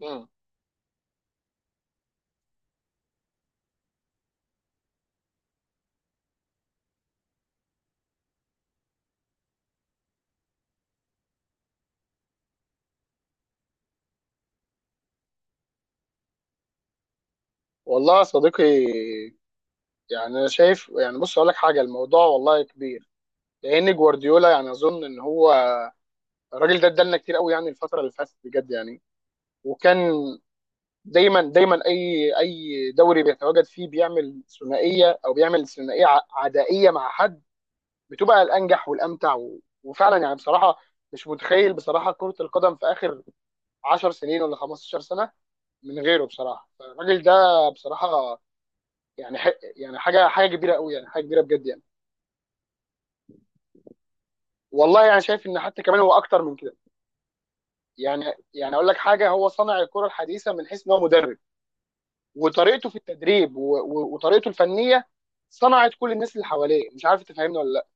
مم. والله يا صديقي، يعني انا شايف، يعني بص اقول لك حاجه، الموضوع والله كبير. لان جوارديولا يعني اظن ان هو الراجل ده ادالنا كتير قوي، يعني الفتره اللي فاتت بجد يعني. وكان دايما دايما اي دوري بيتواجد فيه بيعمل ثنائيه او بيعمل ثنائيه عدائيه مع حد بتبقى الانجح والامتع، وفعلا يعني بصراحه. مش متخيل بصراحه كره القدم في اخر 10 سنين ولا 15 سنه من غيره بصراحه. فالراجل ده بصراحه يعني يعني حاجه كبيره قوي، يعني حاجه كبيره بجد يعني. والله يعني شايف ان حتى كمان هو اكتر من كده. يعني يعني اقول لك حاجه، هو صنع الكره الحديثه من حيث ان هو مدرب، وطريقته في التدريب وطريقته الفنيه صنعت كل الناس اللي حواليه. مش عارف تفهمني ولا لا.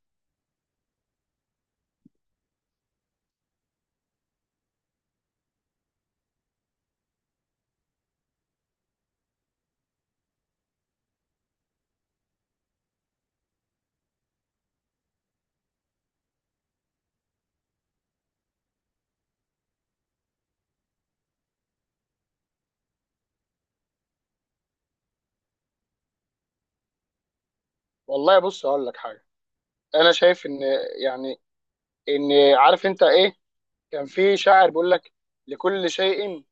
والله بص اقول لك حاجه. انا شايف يعني ان عارف انت ايه، كان في شاعر بيقول لك: لكل شيء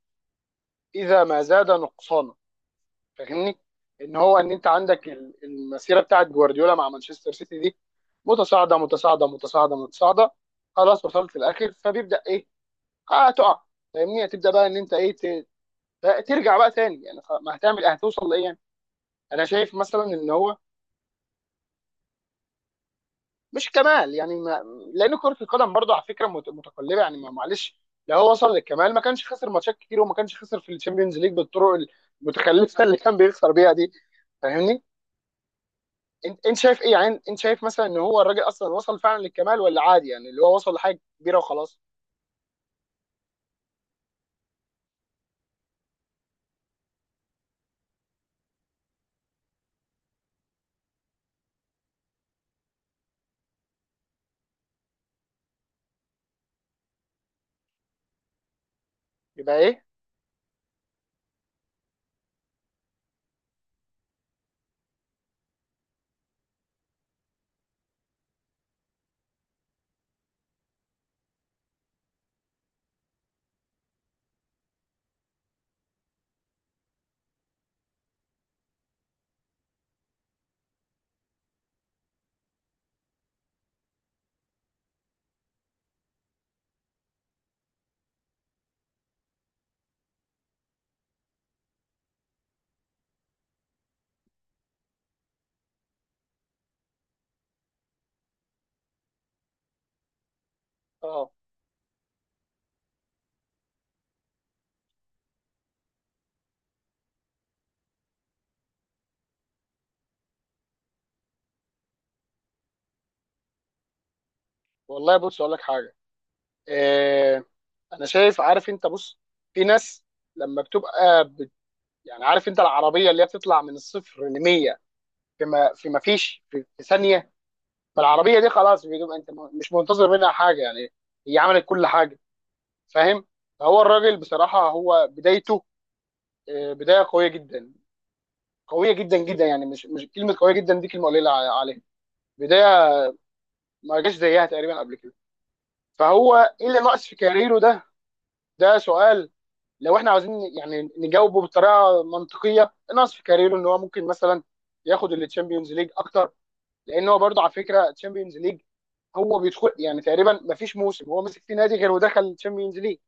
اذا ما زاد نقصانا. فاهمني؟ ان انت عندك المسيره بتاعت جوارديولا مع مانشستر سيتي دي متصاعده متصاعده متصاعده متصاعده، خلاص وصلت في الاخر فبيبدا ايه؟ اه، تقع. فاهمني؟ هتبدا بقى ان انت ايه، ترجع بقى تاني يعني، ما هتعمل ايه؟ هتوصل لايه يعني؟ انا شايف مثلا ان هو مش كمال يعني، ما لان كره القدم برضه على فكره متقلبه يعني، معلش. لو هو وصل للكمال ما كانش خسر ماتشات كتير وما كانش خسر في الشامبيونز ليج بالطرق المتخلفه اللي كان بيخسر بيها دي. فاهمني؟ انت شايف ايه يعني؟ انت شايف مثلا ان هو الراجل اصلا وصل فعلا للكمال، ولا عادي يعني اللي هو وصل لحاجه كبيره وخلاص؟ يبقى ايه؟ اه والله بص اقول لك حاجه. إيه، انا شايف، عارف انت، بص، في ناس لما بتبقى يعني، عارف انت العربيه اللي هي بتطلع من الصفر ل 100 في ما فيش، في ثانيه. فالعربيه دي خلاص بتبقى انت مش منتظر منها حاجه يعني. هي عملت كل حاجه. فاهم؟ فهو الراجل بصراحه هو بدايته، بدايه قويه جدا، قويه جدا جدا. يعني مش كلمه قويه جدا دي كلمه قليله عليها. بدايه ما جاش زيها تقريبا قبل كده. فهو ايه اللي ناقص في كاريره ده؟ ده سؤال. لو احنا عاوزين يعني نجاوبه بطريقه منطقيه، ناقص في كاريره ان هو ممكن مثلا ياخد التشامبيونز ليج اكتر. لان هو برضه على فكره تشامبيونز ليج هو بيدخل، يعني تقريبا ما فيش موسم هو مسك فيه نادي غير ودخل التشامبيونز ليج،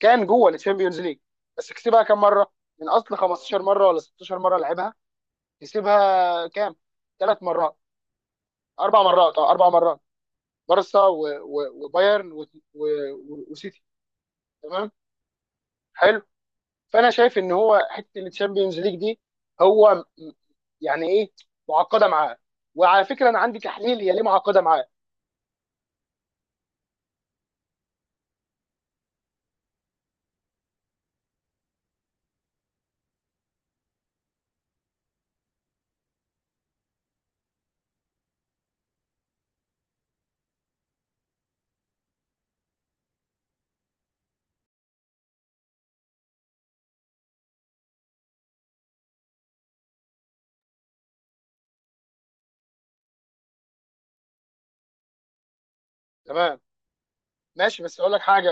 كان جوه التشامبيونز ليج. بس كسبها كام مره؟ من اصل 15 مره ولا 16 مره لعبها كسبها كام؟ ثلاث مرات. اربع مرات، اه، اربع مرات. بارسا وبايرن وسيتي. تمام. حلو. فانا شايف ان هو حته الشامبيونز ليج دي، هو م- يعني ايه، معقده معاه. وعلى فكره انا عندي تحليل هي ليه معقده معاه. تمام. ماشي بس اقول لك حاجه.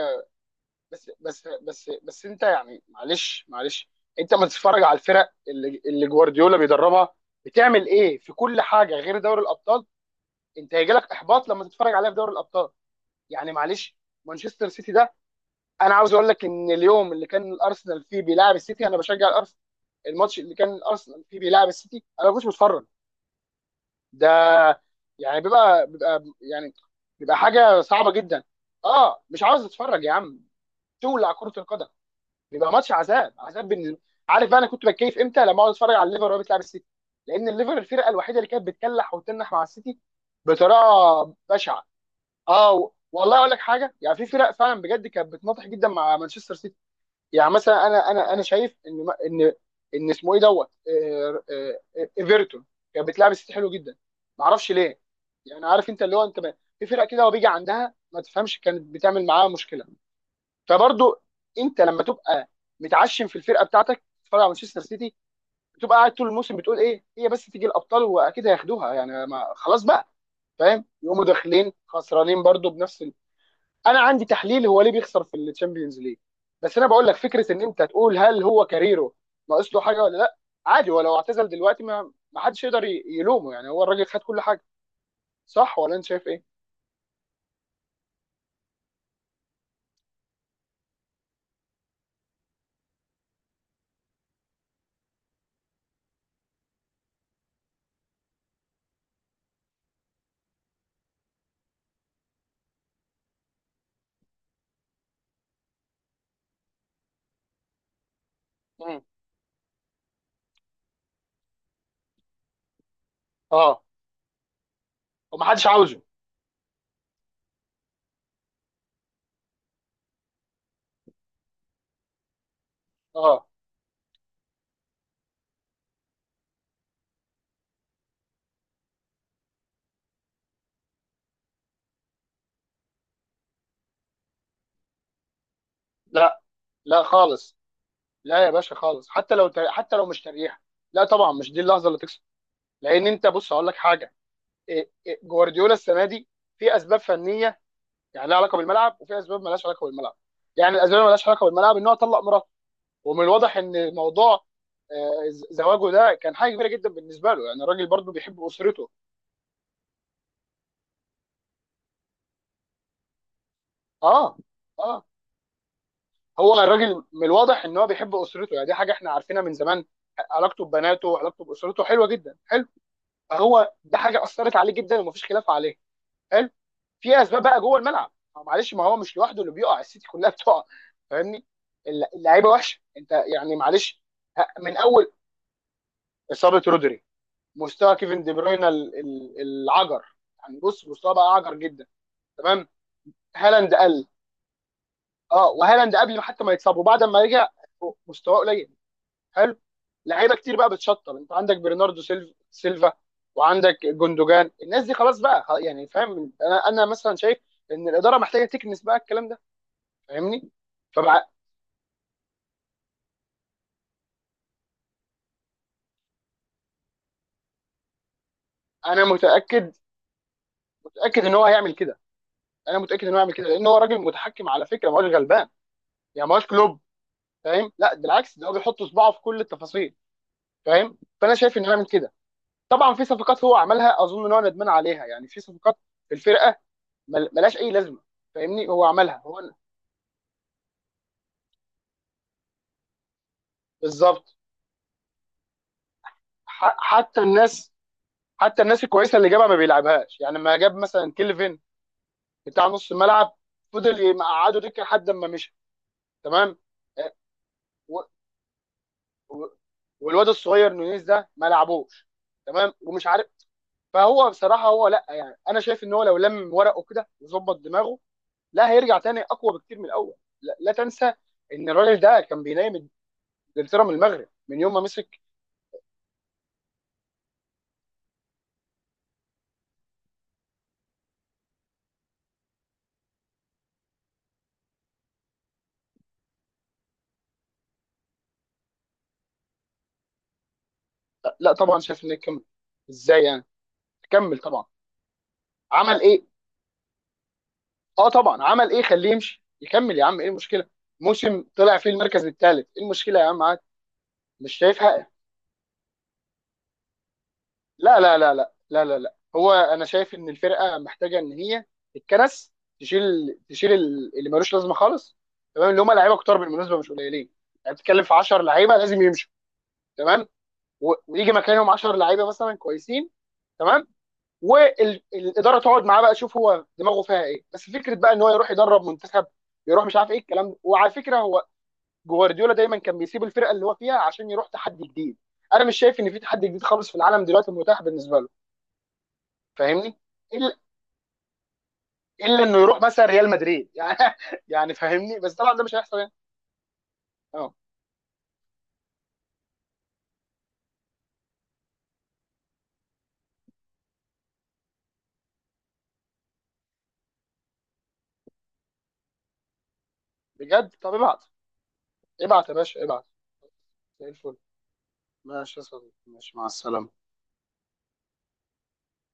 بس بس بس بس انت يعني، معلش معلش، انت ما تتفرج على الفرق اللي جوارديولا بيدربها بتعمل ايه في كل حاجه غير دوري الابطال. انت هيجي لك احباط لما تتفرج عليها في دوري الابطال. يعني معلش. مانشستر سيتي ده، انا عاوز اقول لك ان اليوم اللي كان الارسنال فيه بيلعب السيتي انا بشجع الارسنال. الماتش اللي كان الارسنال فيه بيلعب السيتي انا ما كنتش بتفرج. ده يعني بيبقى حاجه صعبه جدا. اه مش عاوز اتفرج يا عم. تولع كره القدم. بيبقى ماتش عذاب عذاب بالنسبه. عارف بقى انا كنت بتكيف امتى؟ لما اقعد اتفرج على الليفر وهو بتلعب السيتي، لان الليفر الفرقه الوحيده اللي كانت بتكلح وتنح مع السيتي بطريقه بشعه. اه والله اقول لك حاجه، يعني في فرق فعلا بجد كانت بتناطح جدا مع مانشستر سيتي. يعني مثلا انا شايف ان ان اسمه ايه دوت ايفرتون كانت بتلعب السيتي حلو جدا. ما اعرفش ليه. يعني عارف انت اللي هو انت، في فرق كده وبيجي عندها ما تفهمش كانت بتعمل معاها مشكله. فبرضو انت لما تبقى متعشم في الفرقه بتاعتك تتفرج على مانشستر سيتي، بتبقى قاعد طول الموسم بتقول ايه هي بس تيجي الابطال واكيد هياخدوها، يعني ما خلاص بقى. فاهم؟ يقوموا داخلين خسرانين برضو بنفس. انا عندي تحليل هو ليه بيخسر في الشامبيونز ليج، بس انا بقول لك فكره، ان انت تقول هل هو كاريره ناقص له حاجه ولا لا؟ عادي، هو لو اعتزل دلوقتي ما حدش يقدر يلومه، يعني هو الراجل خد كل حاجه. صح ولا انت شايف ايه؟ مم. اه. وما حدش عاوزه. اه. لا لا خالص. لا يا باشا خالص. حتى لو مش تريح. لا طبعا مش دي اللحظه اللي تكسب. لان انت بص هقول لك حاجه. إيه- إيه، جوارديولا السنه دي في اسباب فنيه، يعني لها علاقه بالملعب، وفي اسباب مالهاش علاقه بالملعب. يعني الاسباب اللي مالهاش علاقه بالملعب ان هو طلق. ومن الواضح ان موضوع زواجه ده كان حاجه كبيره جدا بالنسبه له، يعني الراجل برضه بيحب اسرته. اه. اه. هو الراجل من الواضح ان هو بيحب اسرته، يعني دي حاجه احنا عارفينها من زمان. علاقته ببناته وعلاقته باسرته حلوه جدا. حلو. فهو ده حاجه اثرت عليه جدا ومفيش خلاف عليه. حلو. في اسباب بقى جوه الملعب. معلش، ما هو مش لوحده اللي بيقع، السيتي كلها بتقع. فاهمني؟ اللعيبه وحشه انت يعني، معلش. من اول اصابه رودري. مستوى كيفن دي بروين العجر. يعني بص مستواه بقى عجر جدا. تمام. هالاند قل. اه، وهالاند قبل ما حتى ما يتصاب وبعد ما رجع مستواه قليل. حلو. لعيبه كتير بقى بتشطب، انت عندك برناردو سيلفا، وعندك جوندوجان. الناس دي خلاص بقى، يعني فاهم. انا مثلا شايف ان الاداره محتاجه تكنس بقى الكلام ده. فاهمني؟ فبقى انا متاكد. متاكد ان هو هيعمل كده. انا متاكد ان هو هيعمل كده لان هو راجل متحكم على فكره، ما هوش غلبان يعني، ما هوش كلوب. فاهم؟ لا ده العكس، ده هو بيحط صباعه في كل التفاصيل. فاهم؟ فانا شايف ان هو يعمل كده. طبعا في صفقات هو عملها اظن ان هو ندمان عليها. يعني في صفقات في الفرقه ملهاش اي لازمه. فاهمني؟ هو عملها هو. بالظبط. ح- حتى الناس حتى الناس الكويسه اللي جابها ما بيلعبهاش. يعني ما جاب مثلا كيلفن بتاع نص الملعب، فضل يقعده دكه لحد ما مشي. تمام. آه، و- و- والواد الصغير نونيز ده ما لعبوش. تمام، ومش عارف. فهو بصراحه هو، لا يعني انا شايف ان هو لو لم ورقه كده وظبط دماغه، لا هيرجع تاني اقوى بكتير من الاول. لا, لا تنسى ان الراجل ده كان بينام انجلترا من المغرب من يوم ما مسك. لا طبعا شايف انه يكمل. ازاي يعني؟ كمل طبعا، عمل ايه. اه طبعا، عمل ايه، خليه يمشي يكمل يا عم، ايه المشكله؟ موسم طلع فيه المركز الثالث، ايه المشكله يا عم؟ عادي. مش شايفها. لا لا لا لا لا لا لا. هو انا شايف ان الفرقه محتاجه ان هي الكنس، تشيل تشيل اللي ملوش لازمه خالص. تمام، اللي هم لعيبه كتار بالمناسبه، مش قليلين. يعني بتتكلم في 10 لعيبه لازم يمشوا. تمام. ويجي مكانهم 10 لعيبه مثلا كويسين. تمام. والاداره تقعد معاه بقى تشوف هو دماغه فيها ايه، بس فكره بقى ان هو يروح يدرب منتخب، يروح مش عارف ايه الكلام ده. وعلى فكره هو جوارديولا دايما كان بيسيب الفرقه اللي هو فيها عشان يروح تحدي جديد، انا مش شايف ان في تحدي جديد خالص في العالم دلوقتي متاح بالنسبه له. فاهمني؟ الا إلا انه يروح مثلا ريال مدريد يعني. يعني فاهمني، بس طبعا ده مش هيحصل يعني. اه. بجد؟ طب ابعت. ابعت يا باشا، ابعت. زي الفل. ماشي يا صديقي، ماشي، مع السلامة.